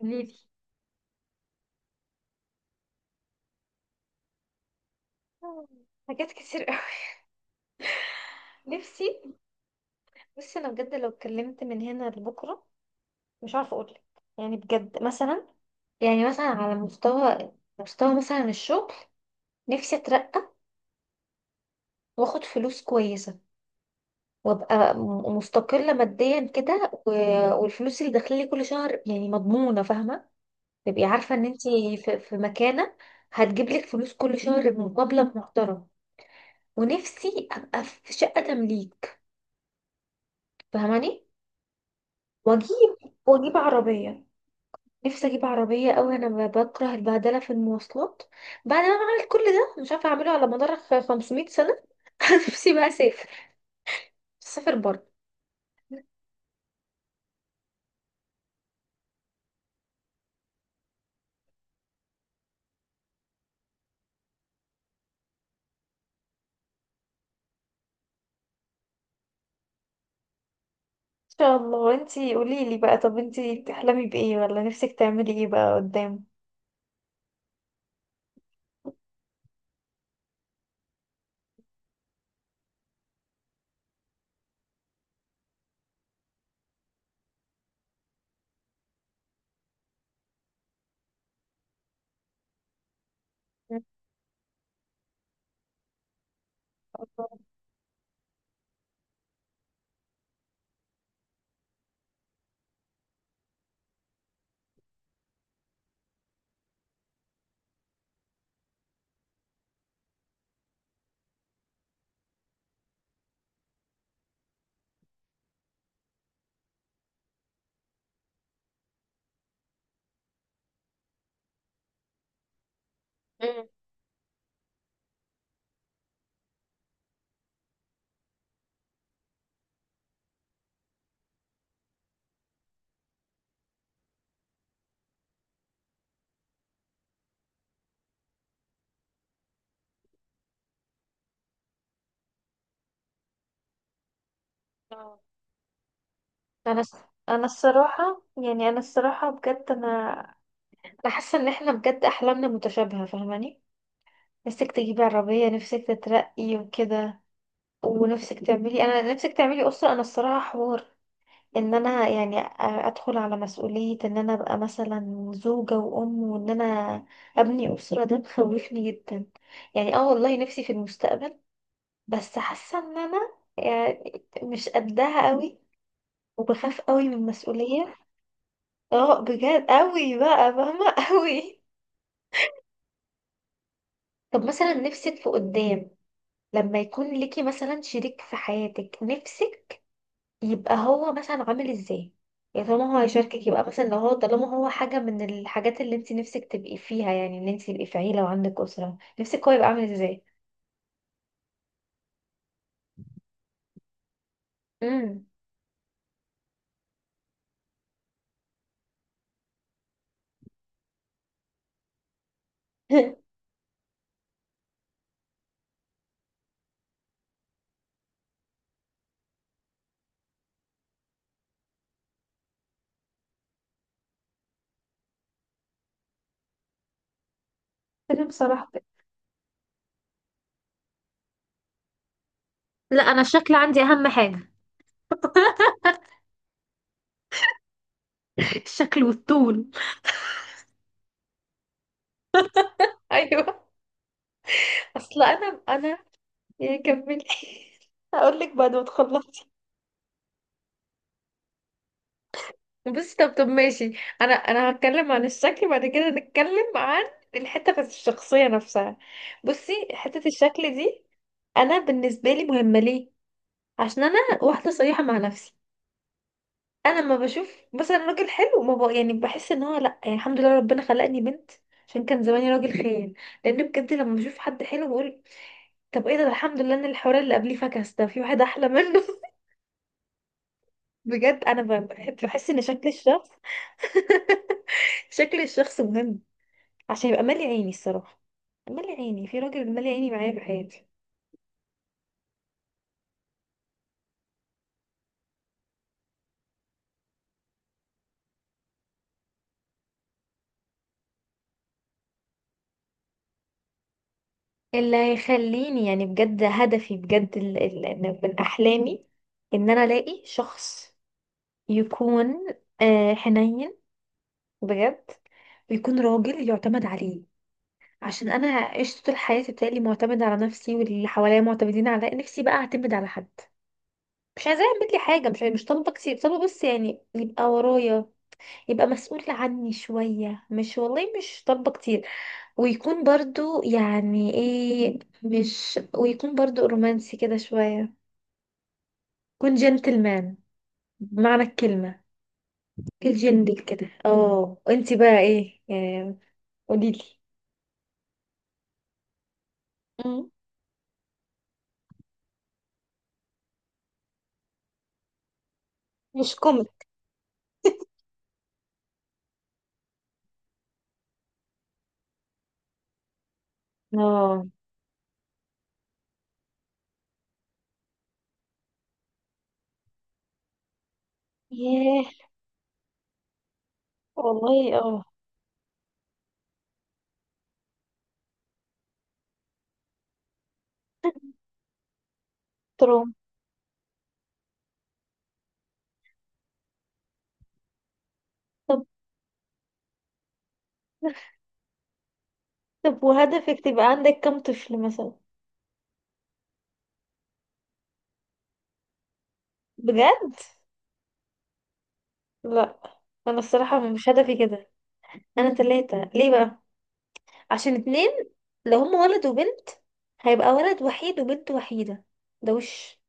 قوليلي. حاجات كتير قوي نفسي. بصي انا بجد لو اتكلمت من هنا لبكره مش عارفه اقولك. يعني بجد مثلا يعني مثلا على مستوى مستوى مثلا الشغل، نفسي اترقى، واخد فلوس كويسه، وابقى مستقله ماديا كده و... والفلوس اللي داخلالي كل شهر يعني مضمونه، فاهمه، تبقي عارفه ان انت في مكانه هتجيبلك فلوس كل شهر بمقابله محترمه. ونفسي ابقى في شقه تمليك، فاهماني. واجيب واجيب عربية، نفسي اجيب عربية اوي، انا بكره البهدلة في المواصلات بعد ما عملت كل ده، مش عارفة اعمله على مدار 500 سنة. نفسي بقى اسافر، اسافر برضه. ان شاء الله. انتي قوليلي بقى، طب انتي بتحلمي بايه ولا نفسك تعملي ايه بقى قدام؟ مم. انا الصراحه، يعني انا الصراحه بجد، انا حاسه ان احنا بجد احلامنا متشابهه، فاهماني؟ نفسك تجيبي عربيه، نفسك تترقي وكده، ونفسك تعملي، انا نفسك تعملي اسره. انا الصراحه حوار ان انا يعني ادخل على مسؤوليه ان انا ابقى مثلا زوجه وام وان انا ابني اسره ده مخوفني جدا. يعني اه والله نفسي في المستقبل، بس حاسه ان انا يعني مش قدها قوي، وبخاف قوي من المسؤوليه. اه بجد قوي بقى، فاهمة؟ قوي. طب مثلا نفسك في قدام لما يكون ليكي مثلا شريك في حياتك، نفسك يبقى هو مثلا عامل ازاي؟ يعني طالما هو هيشاركك، يبقى مثلا لو هو طالما هو حاجة من الحاجات اللي انت نفسك تبقي فيها، يعني ان انت تبقي في عيلة وعندك أسرة، نفسك هو يبقى عامل ازاي؟ امم. انا بصراحة، لا انا الشكل عندي اهم حاجه. الشكل والطول. ايوه. اصل انا. يا كملي. هقول لك بعد ما تخلصي. بس طب طب ماشي. انا هتكلم عن الشكل، بعد كده نتكلم عن الحته بتاعت الشخصيه نفسها. بصي، حته الشكل دي انا بالنسبه لي مهمه ليه؟ عشان انا واحده صريحه مع نفسي. انا لما بشوف مثلا راجل حلو ما بق... يعني بحس ان هو لا، يعني الحمد لله ربنا خلقني بنت عشان كان زماني راجل خير. لان بجد لما بشوف حد حلو بقول طب ايه ده، ده الحمد لله ان الحوار اللي قبليه فكس ده في واحد احلى منه. بجد انا بحس ان شكل الشخص، شكل الشخص مهم، عشان يبقى مالي عيني الصراحة، مالي عيني في راجل مالي عيني معايا في حياتي. اللي هيخليني، يعني بجد هدفي بجد، من أحلامي إن أنا ألاقي شخص يكون آه، حنين بجد، ويكون راجل يعتمد عليه. عشان أنا عشت طول حياتي بتهيألي معتمدة على نفسي واللي حواليا معتمدين على نفسي، بقى أعتمد على حد. مش عايزاه يعمل لي حاجة، مش طالبة كتير، طالبة بس يعني يبقى ورايا، يبقى مسؤول عني شوية، مش والله مش طالبة كتير. ويكون برضو يعني ايه، مش ويكون برضو رومانسي كده شوية، يكون جنتلمان بمعنى الكلمة. الجندل كده. اه، انتي بقى ايه يعني؟ قوليلي. مم. مش كوميدي. اه. ياه، والله اه. تروم. طب طب وهدفك تبقى عندك كم طفل مثلا؟ بجد؟ لا انا الصراحة مش هدفي كده. انا تلاتة، ليه بقى؟ عشان اتنين لو هما ولد وبنت هيبقى ولد وحيد وبنت وحيدة. ده وش،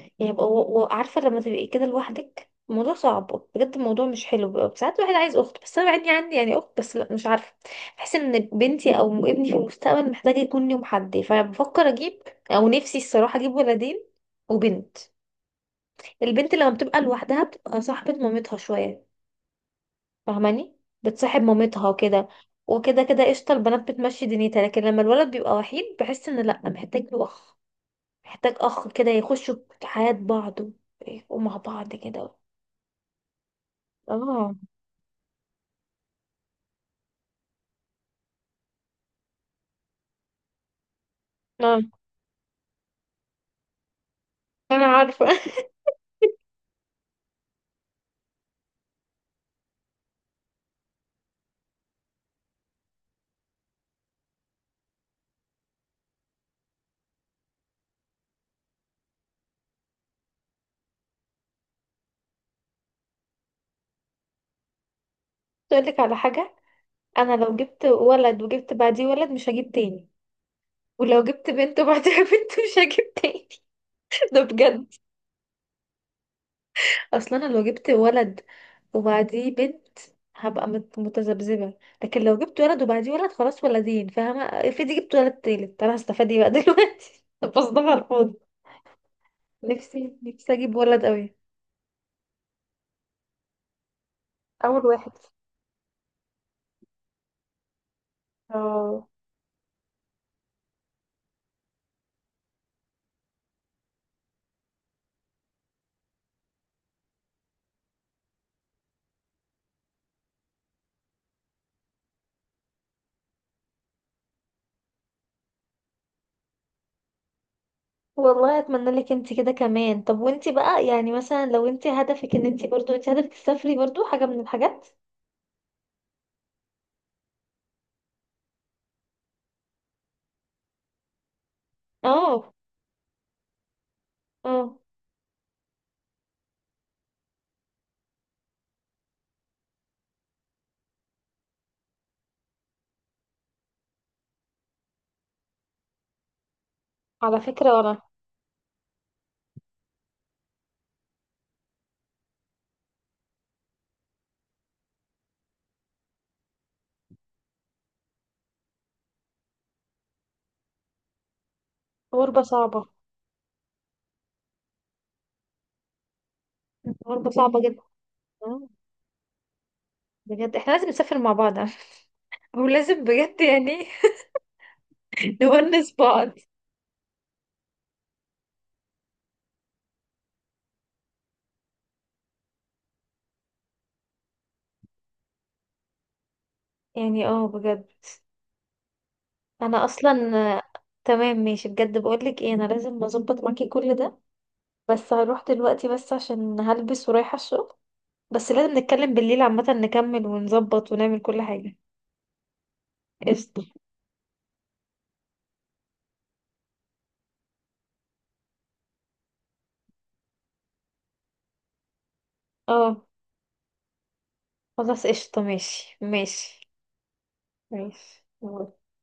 يعني يبقى و... و... عارفة لما تبقي كده لوحدك الموضوع صعب بجد، الموضوع مش حلو، بيبقى ساعات الواحد عايز أخت. بس أنا عندي يعني أخت، بس لأ مش عارفة، بحس إن بنتي أو ابني في المستقبل محتاج يكون ليهم حد، فبفكر أجيب، أو نفسي الصراحة أجيب ولدين وبنت. البنت لما بتبقى لوحدها بتبقى صاحبة مامتها شوية، فاهماني؟ بتصاحب مامتها وكده، وكده كده قشطة، البنات بتمشي دنيتها. لكن لما الولد بيبقى وحيد بحس ان لأ، محتاج له أخ، محتاج أخ كده يخشوا حياة بعض ومع بعض كده. اه. اه انا عارفه. اقولك على حاجه، انا لو جبت ولد وجبت بعديه ولد مش هجيب تاني. ولو جبت بنت وبعديها بنت مش هجيب تاني. ده بجد، اصلا انا لو جبت ولد وبعديه بنت هبقى متذبذبه. لكن لو جبت ولد وبعديه ولد خلاص، ولدين فاهمه، افرضي جبت ولد تالت انا هستفاد ايه بقى دلوقتي؟ بصدق على الفاضي. نفسي اجيب ولد قوي، اول واحد. اه والله اتمنى لك انت كده كمان. طب وانت بقى يعني مثلا لو انت هدفك ان انت برضو، انت هدفك تسافري برضو حاجه من الحاجات؟ اه. اه، على فكرة ولا. غربة صعبة، غربه صعبه جدا. آه، بجد احنا لازم نسافر مع بعض، ولازم بجد يعني نونس بعض. يعني اه بجد. انا اصلا آه، تمام ماشي، بجد بقولك ايه، انا لازم اظبط معاكي كل ده، بس هروح دلوقتي بس عشان هلبس ورايحة الشغل. بس لازم نتكلم بالليل عامة نكمل ونظبط ونعمل كل حاجة. قشطة. اه خلاص قشطة، ماشي.